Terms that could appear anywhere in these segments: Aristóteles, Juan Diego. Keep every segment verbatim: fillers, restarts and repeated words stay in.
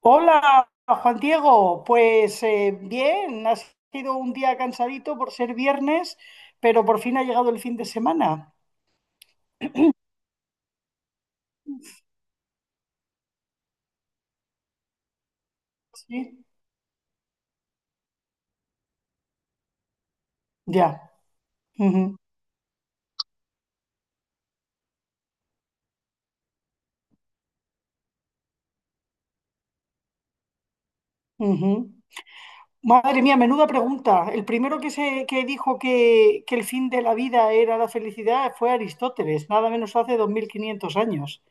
Hola, Juan Diego. Pues eh, bien, ha sido un día cansadito por ser viernes, pero por fin ha llegado el fin de semana. Sí, ya. Ujú, ujú. Madre mía, menuda pregunta. El primero que, se, que dijo que, que el fin de la vida era la felicidad fue Aristóteles, nada menos hace dos mil quinientos años.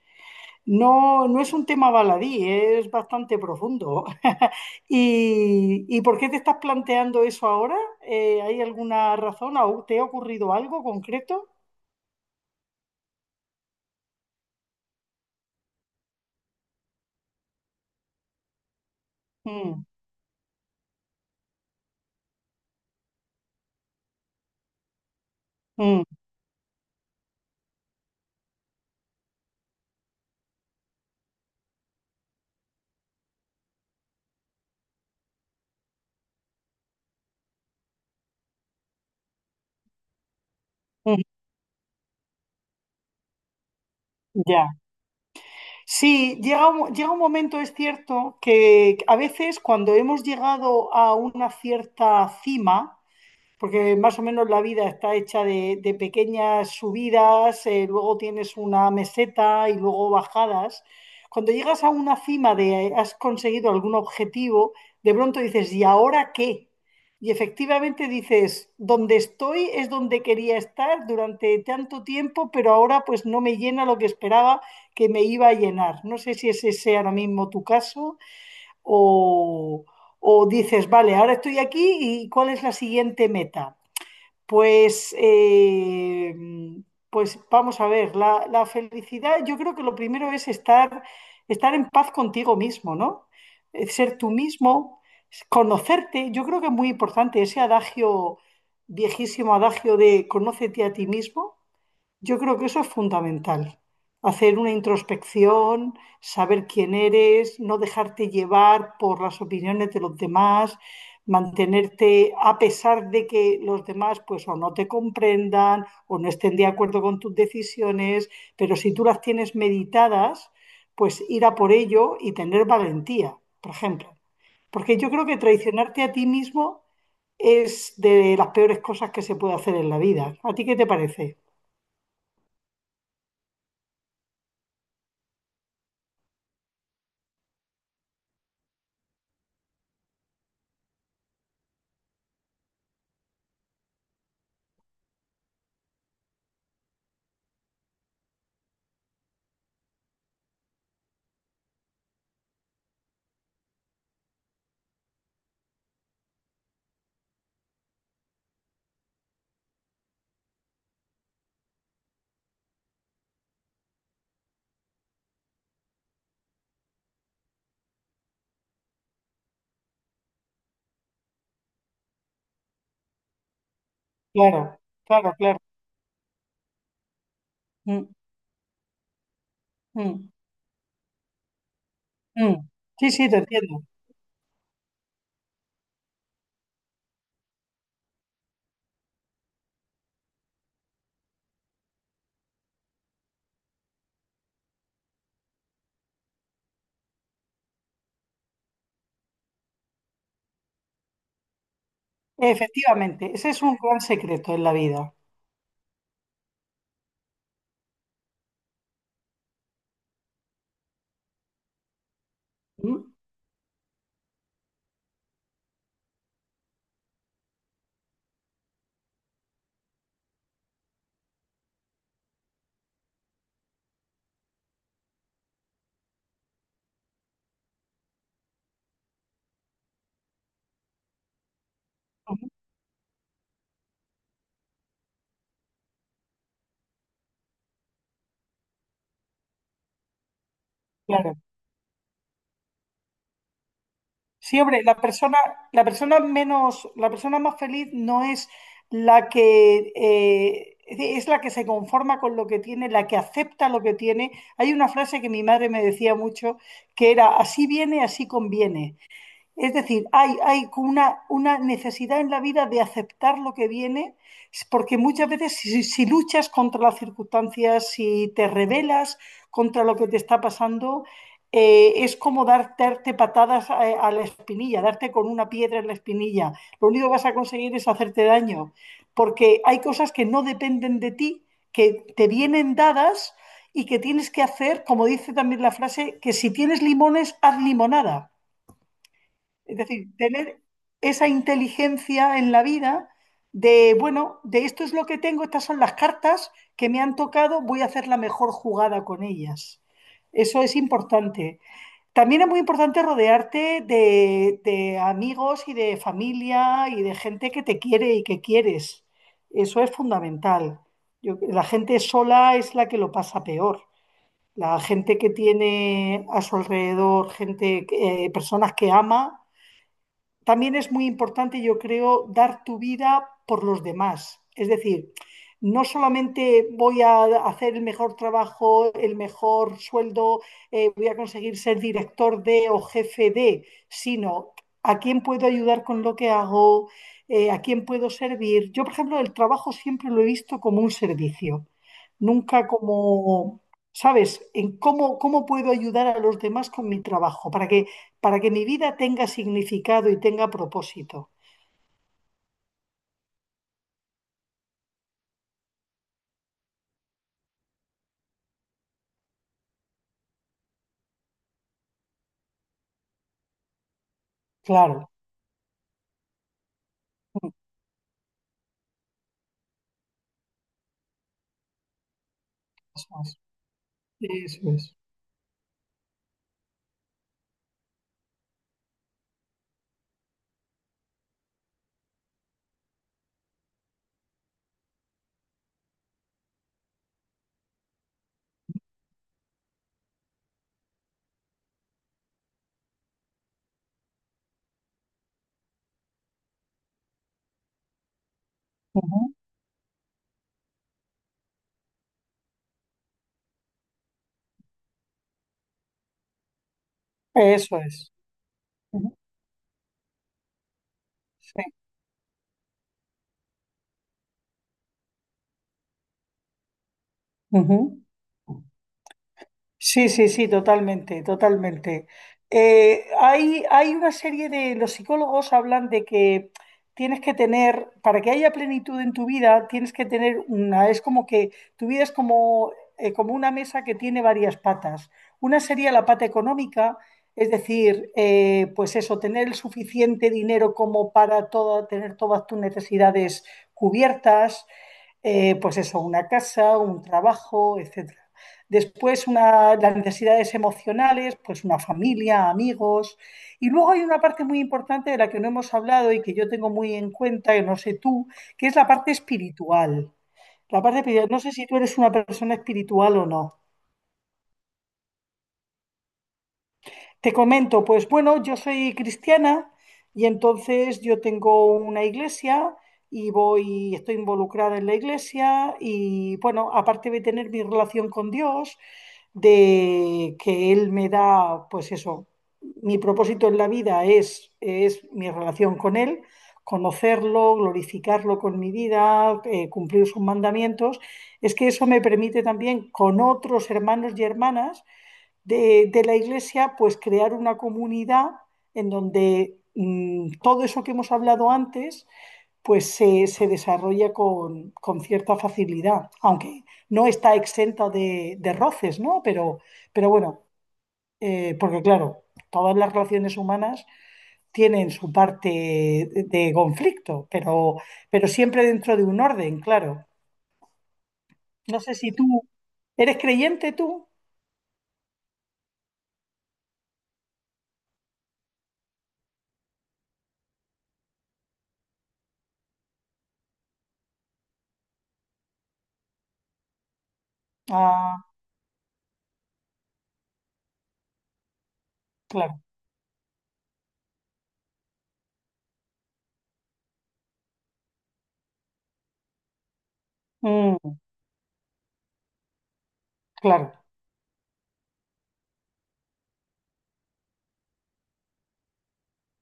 No, no es un tema baladí, es bastante profundo. ¿Y, y por qué te estás planteando eso ahora? Eh, ¿hay alguna razón? ¿Au- ¿Te ha ocurrido algo concreto? Mm, mm, mm, ya. Sí, llega un, llega un momento, es cierto, que a veces cuando hemos llegado a una cierta cima, porque más o menos la vida está hecha de, de pequeñas subidas, eh, luego tienes una meseta y luego bajadas. Cuando llegas a una cima de eh, has conseguido algún objetivo, de pronto dices, ¿y ahora qué? Y efectivamente dices, donde estoy es donde quería estar durante tanto tiempo, pero ahora pues no me llena lo que esperaba que me iba a llenar. No sé si ese sea ahora mismo tu caso o, o dices, vale, ahora estoy aquí y ¿cuál es la siguiente meta? Pues, eh, pues vamos a ver, la, la felicidad, yo creo que lo primero es estar, estar en paz contigo mismo, ¿no? Eh, Ser tú mismo, conocerte, yo creo que es muy importante ese adagio, viejísimo adagio de conócete a ti mismo. Yo creo que eso es fundamental. Hacer una introspección, saber quién eres, no dejarte llevar por las opiniones de los demás, mantenerte a pesar de que los demás pues o no te comprendan o no estén de acuerdo con tus decisiones, pero si tú las tienes meditadas, pues ir a por ello y tener valentía, por ejemplo. Porque yo creo que traicionarte a ti mismo es de las peores cosas que se puede hacer en la vida. ¿A ti qué te parece? Claro, claro, claro. Mm, mm, mm. Sí, sí, te entiendo. Efectivamente, ese es un gran secreto en la vida. Mm, ujú, claro. Siempre la persona, la persona menos, la persona más feliz no es la que eh, es la que se conforma con lo que tiene, la que acepta lo que tiene. Hay una frase que mi madre me decía mucho que era así viene, así conviene. Es decir, hay, hay una, una necesidad en la vida de aceptar lo que viene, porque muchas veces si, si si luchas contra las circunstancias, si te rebelas contra lo que te está pasando, eh, es como darte, darte patadas a, a, la espinilla, darte con una piedra en la espinilla. Lo único que vas a conseguir es hacerte daño, porque hay cosas que no dependen de ti, que te vienen dadas y que tienes que hacer, como dice también la frase, que si tienes limones, haz limonada. Es decir, tener esa inteligencia en la vida de, bueno, de esto es lo que tengo, estas son las cartas que me han tocado, voy a hacer la mejor jugada con ellas. Eso es importante. También es muy importante rodearte de, de amigos y de familia y de gente que te quiere y que quieres. Eso es fundamental. Yo- la gente sola es la que lo pasa peor. La gente que tiene a su alrededor gente, que- eh, personas que ama también es muy importante, yo creo, dar tu vida por los demás. Es decir, no solamente voy a hacer el mejor trabajo, el mejor sueldo, eh, voy a conseguir ser director de o jefe de, sino a quién puedo ayudar con lo que hago, eh, a quién puedo servir. Yo, por ejemplo, el trabajo siempre lo he visto como un servicio, nunca como, ¿sabes?, en cómo, cómo puedo ayudar a los demás con mi trabajo, para que para que mi vida tenga significado y tenga propósito. Claro, eso es. Eso es. Ujú, eso es. Ujú, sí. Ujú. Sí, sí, sí, totalmente, totalmente. Eh, hay, hay una serie de, los psicólogos hablan de que tienes que tener, para que haya plenitud en tu vida, tienes que tener una, es como que tu vida es como, eh, como una mesa que tiene varias patas. Una sería la pata económica, es decir, eh, pues eso, tener el suficiente dinero como para toda, tener todas tus necesidades cubiertas, eh, pues eso, una casa, un trabajo, etcétera. Después una, las necesidades emocionales, pues una familia, amigos. Y luego hay una parte muy importante de la que no hemos hablado y que yo tengo muy en cuenta, que no sé tú, que es la parte espiritual. La parte espiritual. No sé si tú eres una persona espiritual o no. Te comento, pues bueno, yo soy cristiana y entonces yo tengo una iglesia y voy, estoy involucrada en la iglesia y bueno, aparte de tener mi relación con Dios, de que él me da, pues eso, mi propósito en la vida es, es mi relación con él, conocerlo, glorificarlo con mi vida, eh, cumplir sus mandamientos, es que eso me permite también con otros hermanos y hermanas de, de la iglesia, pues crear una comunidad en donde mm, todo eso que hemos hablado antes pues se, se desarrolla con, con cierta facilidad, aunque no está exenta de, de roces, ¿no? Pero, pero bueno, eh, porque claro, todas las relaciones humanas tienen su parte de, de conflicto, pero, pero siempre dentro de un orden, claro. No sé si tú eres creyente tú. Ah, claro, mm, claro,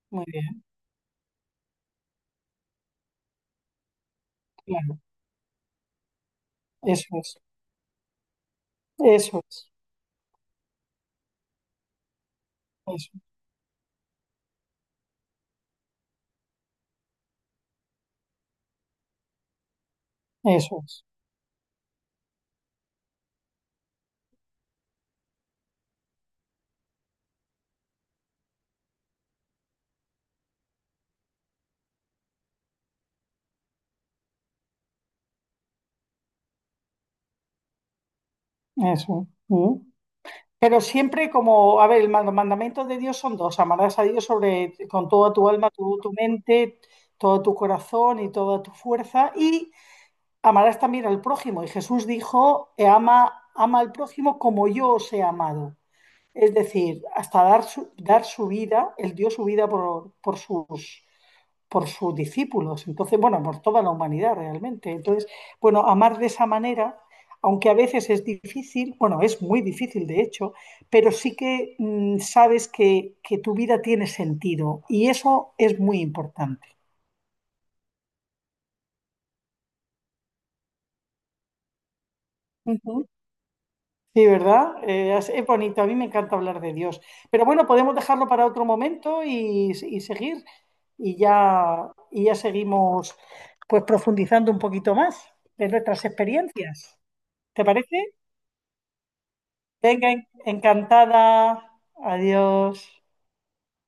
muy bien, claro. Eso es, eso es, eso, eso es, eso. Mm. Pero siempre como, a ver, el- los mandamientos de Dios son dos, amarás a Dios sobre, con toda tu alma, tu, tu mente, todo tu corazón y toda tu fuerza, y amarás también al prójimo. Y Jesús dijo, "E ama, ama al prójimo como yo os he amado. Es decir, hasta dar su, dar su vida, Él dio su vida por, por sus por sus discípulos, entonces, bueno, por toda la humanidad realmente. Entonces, bueno, amar de esa manera, aunque a veces es difícil, bueno, es muy difícil de hecho, pero sí que mm, sabes que, que, tu vida tiene sentido y eso es muy importante. Ujú. Sí, ¿verdad? Eh, es, es bonito, a mí me encanta hablar de Dios. Pero bueno, podemos dejarlo para otro momento y, y seguir y ya, y ya seguimos pues profundizando un poquito más de nuestras experiencias. ¿Te parece? Venga, encantada. Adiós.